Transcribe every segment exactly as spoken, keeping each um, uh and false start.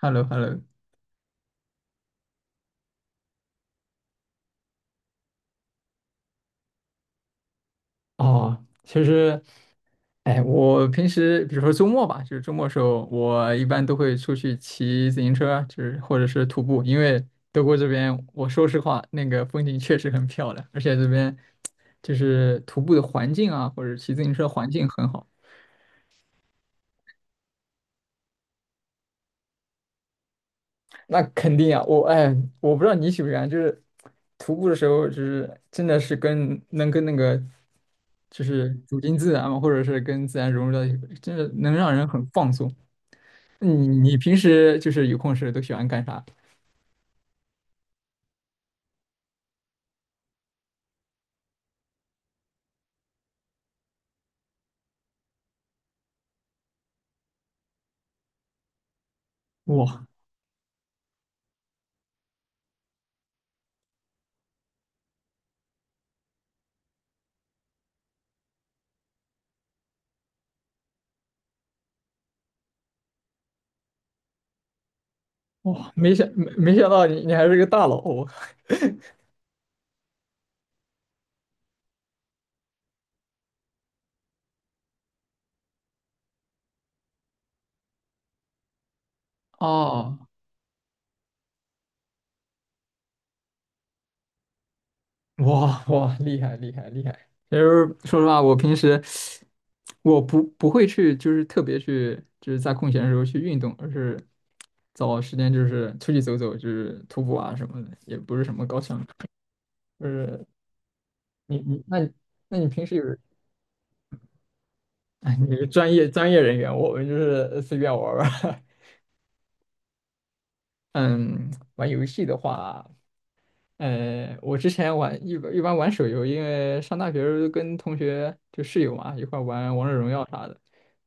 h e l l o h e l l o 哦，其实，哎，我平时比如说周末吧，就是周末的时候，我一般都会出去骑自行车啊，就是或者是徒步，因为德国这边，我说实话，那个风景确实很漂亮，而且这边就是徒步的环境啊，或者骑自行车环境很好。那肯定啊，我哎，我不知道你喜不喜欢，就是徒步的时候，就是真的是跟能跟那个就是走进自然嘛，或者是跟自然融入到一个，真的能让人很放松。你你平时就是有空时都喜欢干啥？哇哇，没想没没想到你你还是个大佬哦，哦哇哇，厉害厉害厉害！就是说实话，我平时我不不会去，就是特别去，就是在空闲的时候去运动，而是找时间就是出去走走，就是徒步啊什么的，也不是什么高强度。就是你你那你那你平时有，哎，你是专业专业人员，我们就是随便玩儿玩儿。嗯，玩游戏的话，呃，我之前玩一般一般玩手游，因为上大学的时候跟同学就室友嘛一块玩王者荣耀啥的，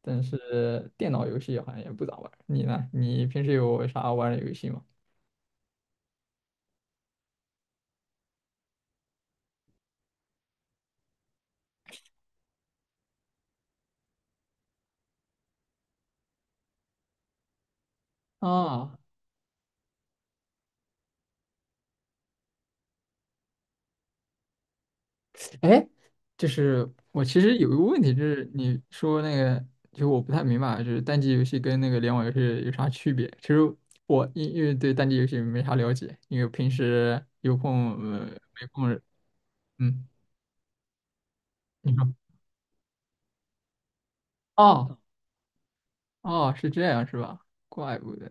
但是电脑游戏好像也不咋玩。你呢？你平时有啥玩的游戏吗？啊，哎，就是我其实有一个问题，就是你说那个，就我不太明白，就是单机游戏跟那个联网游戏有啥区别？其实我因因为对单机游戏没啥了解，因为平时有空呃没空，嗯。你说，哦哦，是这样是吧？怪不得，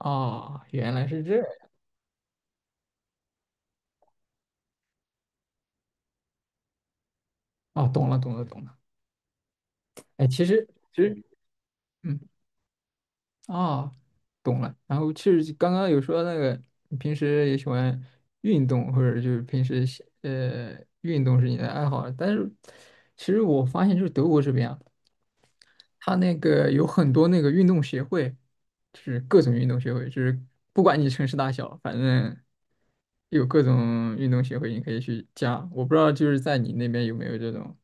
哦，原来是这样，哦，懂了懂了懂了。哎，其实其实，嗯，哦，懂了。然后其实刚刚有说那个，你平时也喜欢运动，或者就是平时喜呃运动是你的爱好，但是其实我发现就是德国这边啊。它那个有很多那个运动协会，就是各种运动协会，就是不管你城市大小，反正有各种运动协会，你可以去加。我不知道就是在你那边有没有这种。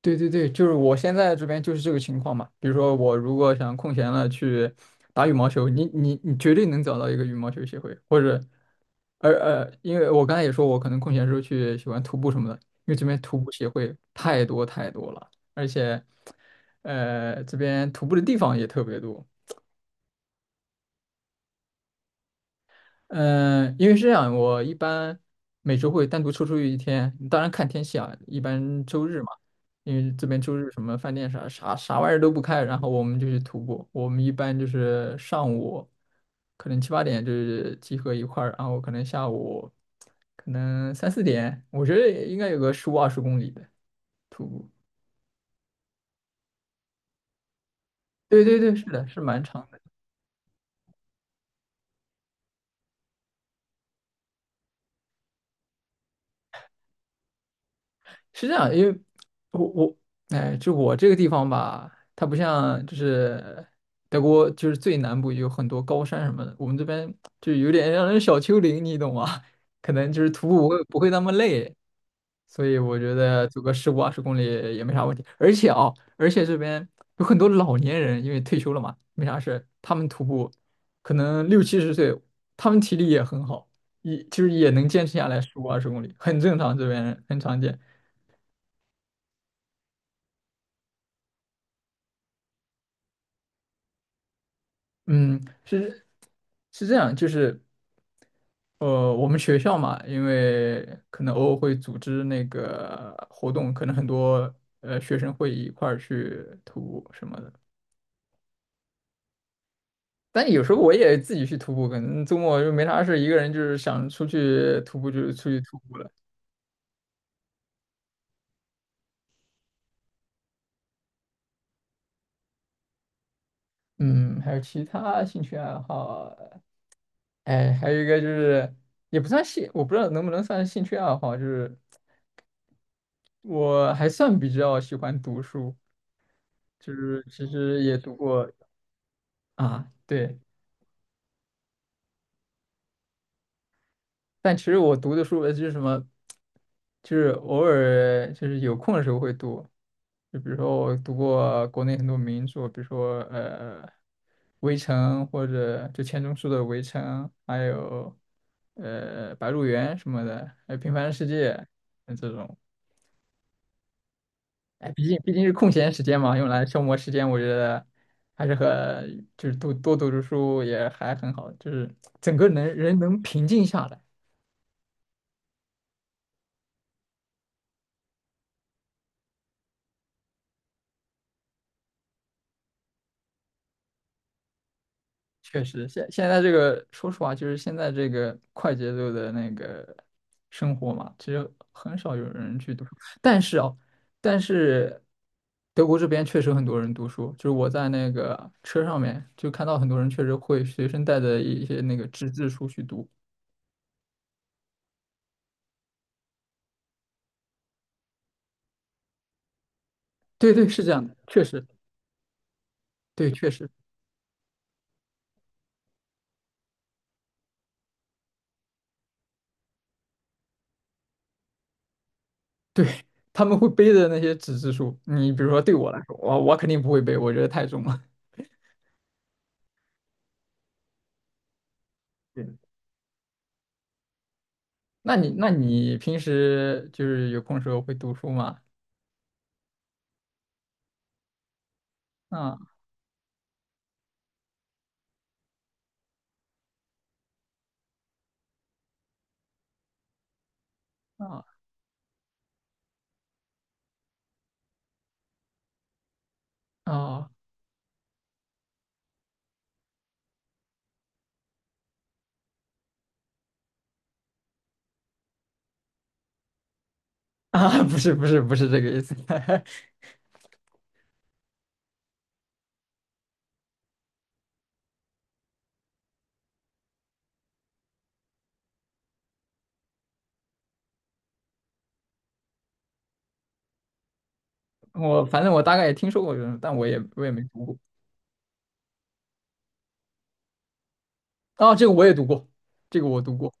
对对对，就是我现在这边就是这个情况嘛。比如说我如果想空闲了去打羽毛球，你你你绝对能找到一个羽毛球协会，或者而呃，因为我刚才也说，我可能空闲时候去喜欢徒步什么的，因为这边徒步协会太多太多了，而且，呃，这边徒步的地方也特别多，嗯，因为是这样，我一般每周会单独抽出一天，当然看天气啊，一般周日嘛，因为这边周日什么饭店啥啥啥玩意儿都不开，然后我们就去徒步。我们一般就是上午可能七八点就是集合一块儿，然后可能下午可能三四点，我觉得应该有个十五二十公里的徒步。对对对，是的，是蛮长。是这样，因为我我哎，就我这个地方吧，它不像就是德国，就是最南部有很多高山什么的，我们这边就有点让人小丘陵，你懂吗？可能就是徒步不会不会那么累，所以我觉得走个十五二十公里也没啥问题。而且啊，而且这边有很多老年人，因为退休了嘛，没啥事，他们徒步可能六七十岁，他们体力也很好，也就是也能坚持下来十五二十公里，很正常，这边人很常见。嗯，是是这样，就是呃，我们学校嘛，因为可能偶尔会组织那个活动，可能很多呃学生会一块儿去徒步什么的。但有时候我也自己去徒步，可能周末就没啥事，一个人就是想出去徒步就出去徒步了。嗯，还有其他兴趣爱好，哎，还有一个就是也不算兴，我不知道能不能算兴趣爱好，就是我还算比较喜欢读书。就是其实也读过啊，对，但其实我读的书呃就是什么，就是偶尔就是有空的时候会读，就比如说我读过国内很多名著，比如说呃《围城》或者就钱钟书的《围城》，还有呃《白鹿原》什么的，还有《平凡的世界》呃这种。哎，毕竟毕竟是空闲时间嘛，用来消磨时间，我觉得还是和就是多多读读书也还很好，就是整个能人能平静下来。确实，现现在这个说实话，就是现在这个快节奏的那个生活嘛，其实很少有人去读书。但是哦，但是德国这边确实很多人读书，就是我在那个车上面就看到很多人确实会随身带着一些那个纸质书去读。对对，是这样的，确实，对，确实。对，他们会背的那些纸质书，你比如说对我来说，我我肯定不会背，我觉得太重了。对，那你那你平时就是有空时候会读书吗？啊啊啊 啊！不是不是不是这个意思，我反正我大概也听说过这种，但我也我也没读过。啊，这个我也读过，这个我读过。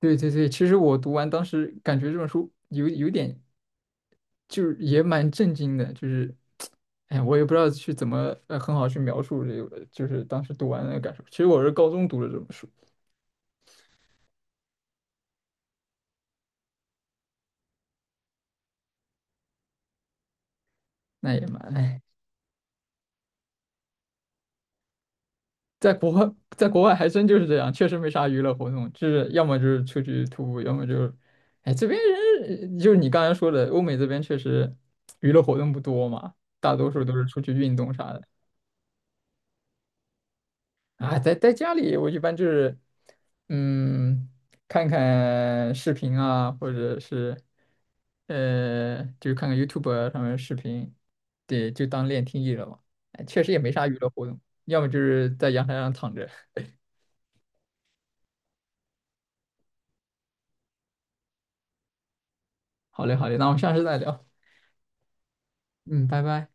对对对，其实我读完当时感觉这本书有有点就是也蛮震惊的，就是，哎呀，我也不知道去怎么呃很好去描述这个，就是当时读完那个感受。其实我是高中读的这本书，那也蛮哎，在国外，在国外还真就是这样，确实没啥娱乐活动，就是要么就是出去徒步，要么就是，哎，这边人就是你刚才说的，欧美这边确实娱乐活动不多嘛，大多数都是出去运动啥的。啊，在在家里，我一般就是，嗯，看看视频啊，或者是，呃，就是看看 YouTube 啊上面的视频，对，就当练听力了嘛。哎确实也没啥娱乐活动，要么就是在阳台上躺着。好嘞，好嘞，那我们下次再聊。嗯，拜拜。